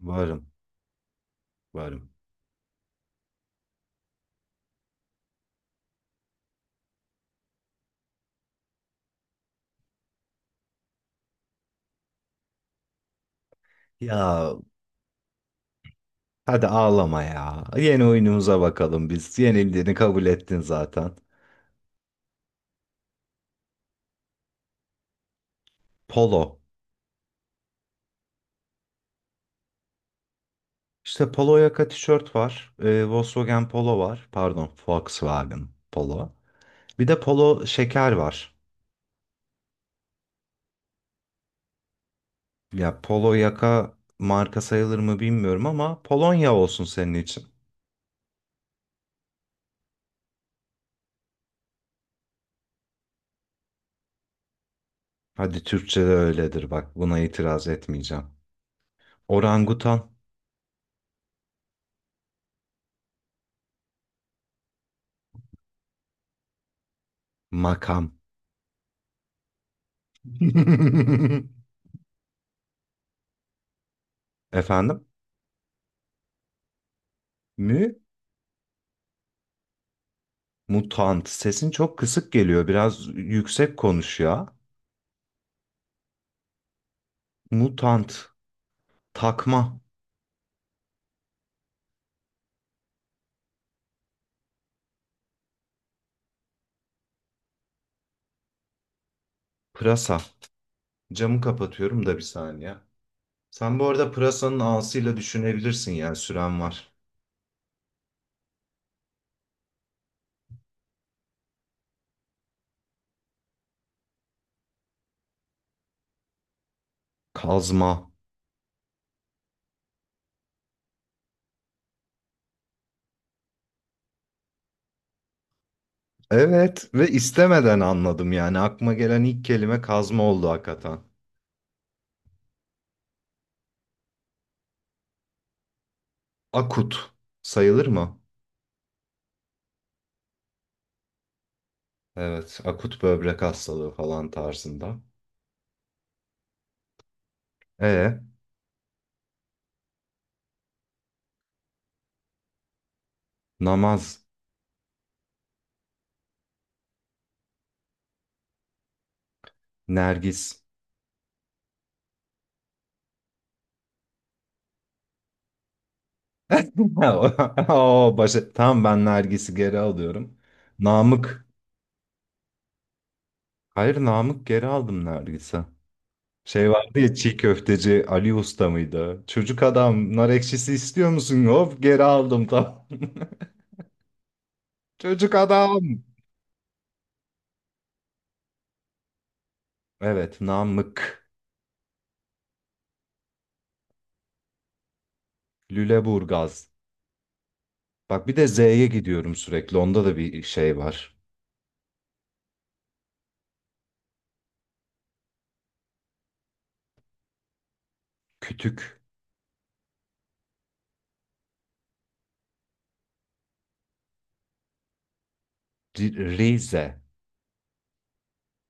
Varım, varım. Ya hadi ağlama ya. Yeni oyunumuza bakalım biz. Yenildiğini kabul ettin zaten. Polo. İşte polo yaka tişört var. Volkswagen Polo var. Pardon, Volkswagen Polo. Bir de polo şeker var. Ya polo yaka marka sayılır mı bilmiyorum ama Polonya olsun senin için. Hadi Türkçe'de öyledir bak. Buna itiraz etmeyeceğim. Orangutan. Makam. Efendim? Mü? Mutant. Sesin çok kısık geliyor. Biraz yüksek konuş ya. Mutant. Takma. Pırasa. Camı kapatıyorum da bir saniye. Sen bu arada pırasanın ağasıyla düşünebilirsin yani süren var. Kazma. Evet ve istemeden anladım yani. Aklıma gelen ilk kelime kazma oldu hakikaten. Akut. Sayılır mı? Evet. Akut böbrek hastalığı falan tarzında. E namaz. Nergis. Oo, başa... Tamam ben Nergis'i geri alıyorum. Namık. Hayır Namık geri aldım Nergis'i. Şey vardı ya çiğ köfteci Ali Usta mıydı? Çocuk adam nar ekşisi istiyor musun? Hop geri aldım tamam. Çocuk adam. Evet Namık. Lüleburgaz. Bak bir de Z'ye gidiyorum sürekli. Onda da bir şey var. Kütük. Rize.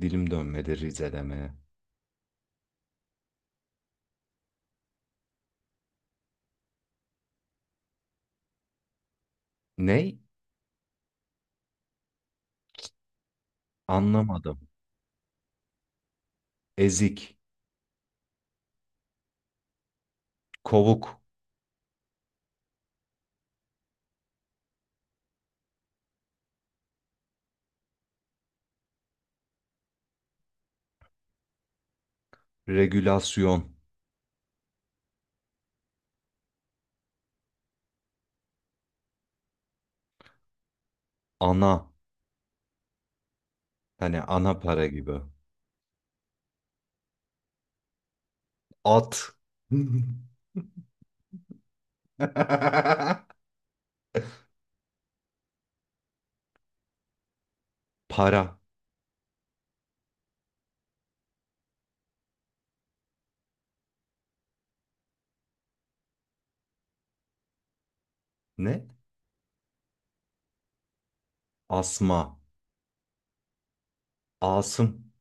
Dilim dönmedi Rize demeye. Ney? Anlamadım. Ezik. Kovuk. Regülasyon. Ana. Hani ana para gibi. At. Para. Ne? Asma. Asım.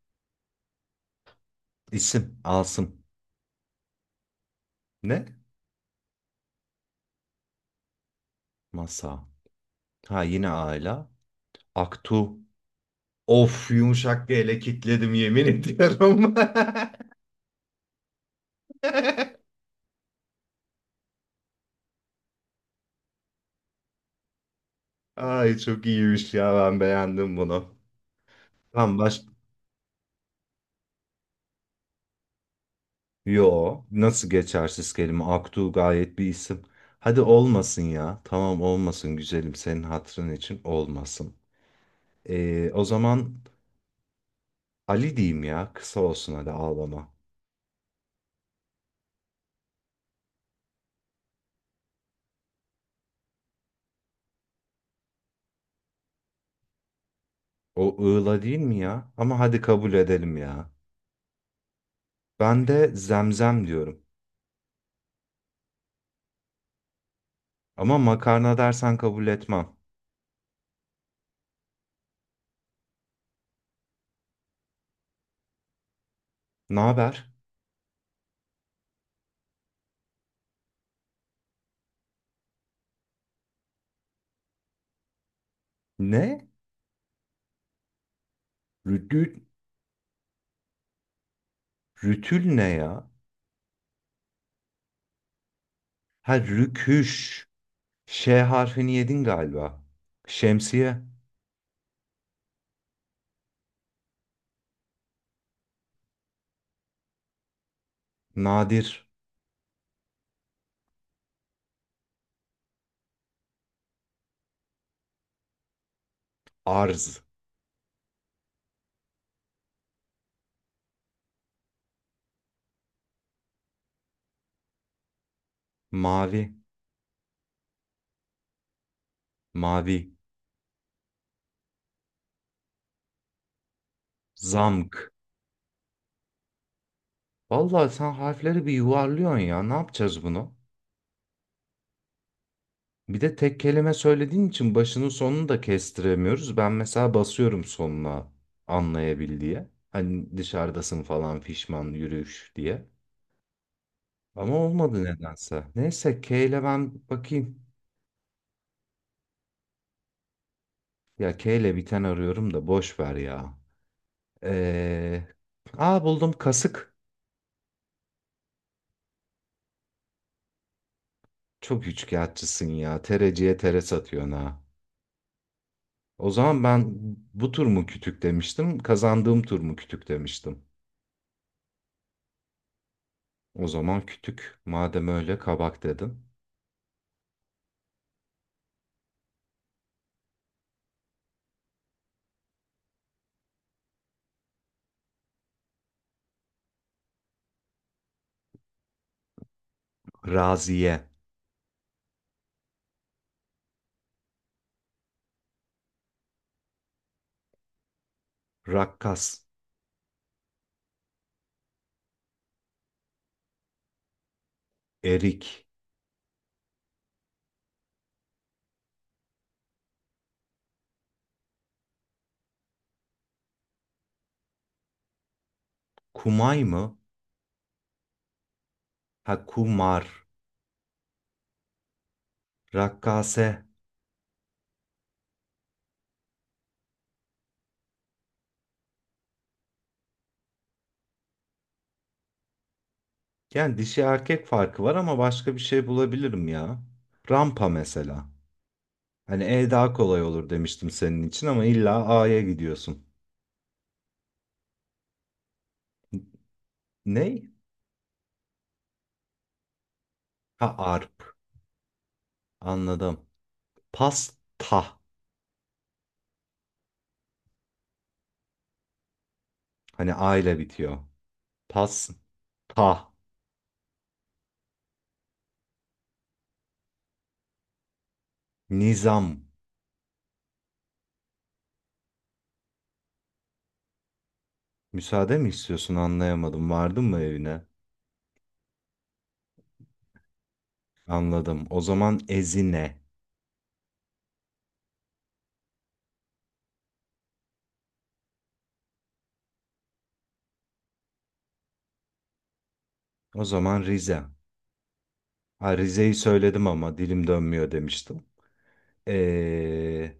İsim. Asım. Ne? Masa. Ha yine aile. Aktu. Of yumuşak bir ele kitledim yemin ediyorum. Ay çok iyiymiş ya ben beğendim bunu. Tamam başka. Yo, nasıl geçersiz kelime? Aktu gayet bir isim. Hadi olmasın ya. Tamam olmasın güzelim senin hatırın için olmasın. O zaman Ali diyeyim ya. Kısa olsun hadi ağlama. O ığla değil mi ya? Ama hadi kabul edelim ya. Ben de zemzem diyorum. Ama makarna dersen kabul etmem. Ne haber? Ne? Rütül, rütül ne ya? Ha rüküş. Ş harfini yedin galiba. Şemsiye. Nadir. Arz, mavi, mavi, zamk. Vallahi sen harfleri bir yuvarlıyorsun ya. Ne yapacağız bunu? Bir de tek kelime söylediğin için başının sonunu da kestiremiyoruz. Ben mesela basıyorum sonuna anlayabil diye. Hani dışarıdasın falan fişman yürüyüş diye. Ama olmadı nedense. Neyse K ile ben bakayım. Ya K ile biten arıyorum da boş ver ya. Ee, buldum kasık. Çok üçkağıtçısın ya. Tereciye tere satıyorsun ha. O zaman ben bu tur mu kütük demiştim, kazandığım tur mu kütük demiştim. O zaman kütük. Madem öyle kabak dedim. Raziye, rakkas, erik, kumay mı? Ha kumar, rakkase. Yani dişi erkek farkı var ama başka bir şey bulabilirim ya. Rampa mesela. Hani E daha kolay olur demiştim senin için ama illa A'ya gidiyorsun. Ney? Ha arp. Anladım. Pasta. Hani A ile bitiyor. Pas. Ta. Nizam. Müsaade mi istiyorsun anlayamadım. Vardın mı evine? Anladım. O zaman Ezine. O zaman Rize. Ha, Rize'yi söyledim ama dilim dönmüyor demiştim. Ee,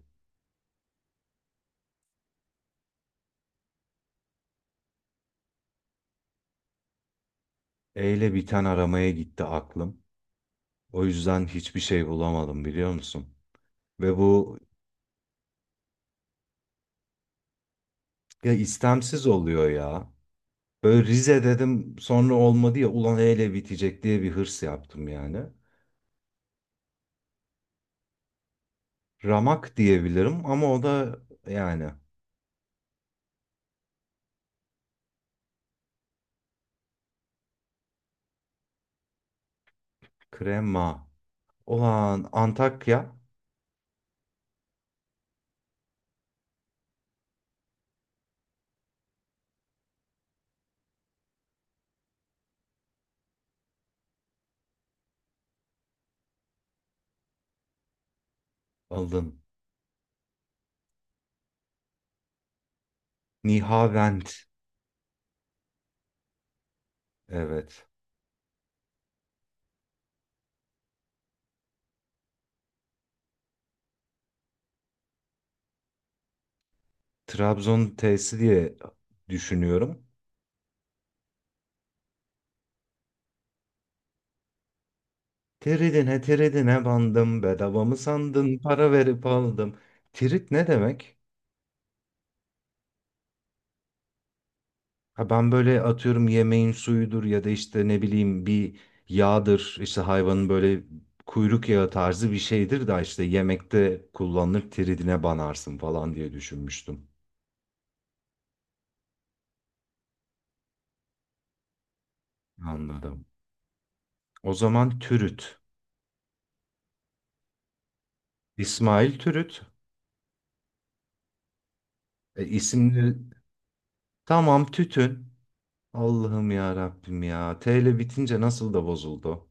E ile biten aramaya gitti aklım. O yüzden hiçbir şey bulamadım biliyor musun? Ve bu ya istemsiz oluyor ya. Böyle Rize dedim sonra olmadı ya ulan E ile bitecek diye bir hırs yaptım yani. Ramak diyebilirim ama o da yani krema. Olan Antakya aldım. Nihavend. Evet. Trabzon T'si diye düşünüyorum. Tridine tridine bandım. Bedava mı sandın? Para verip aldım. Tirit ne demek? Ha ben böyle atıyorum yemeğin suyudur ya da işte ne bileyim bir yağdır. İşte hayvanın böyle kuyruk yağı tarzı bir şeydir da işte yemekte kullanılır tiridine banarsın falan diye düşünmüştüm. Anladım. O zaman Türüt. İsmail Türüt. İsimleri tamam tütün. Allah'ım ya Rabbim ya. T ile bitince nasıl da bozuldu.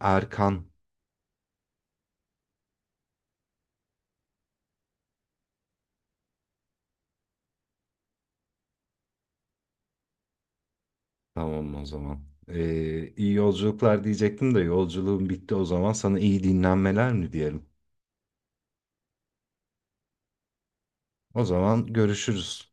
Erkan. Tamam o zaman. İyi yolculuklar diyecektim de yolculuğum bitti o zaman. Sana iyi dinlenmeler mi diyelim? O zaman görüşürüz.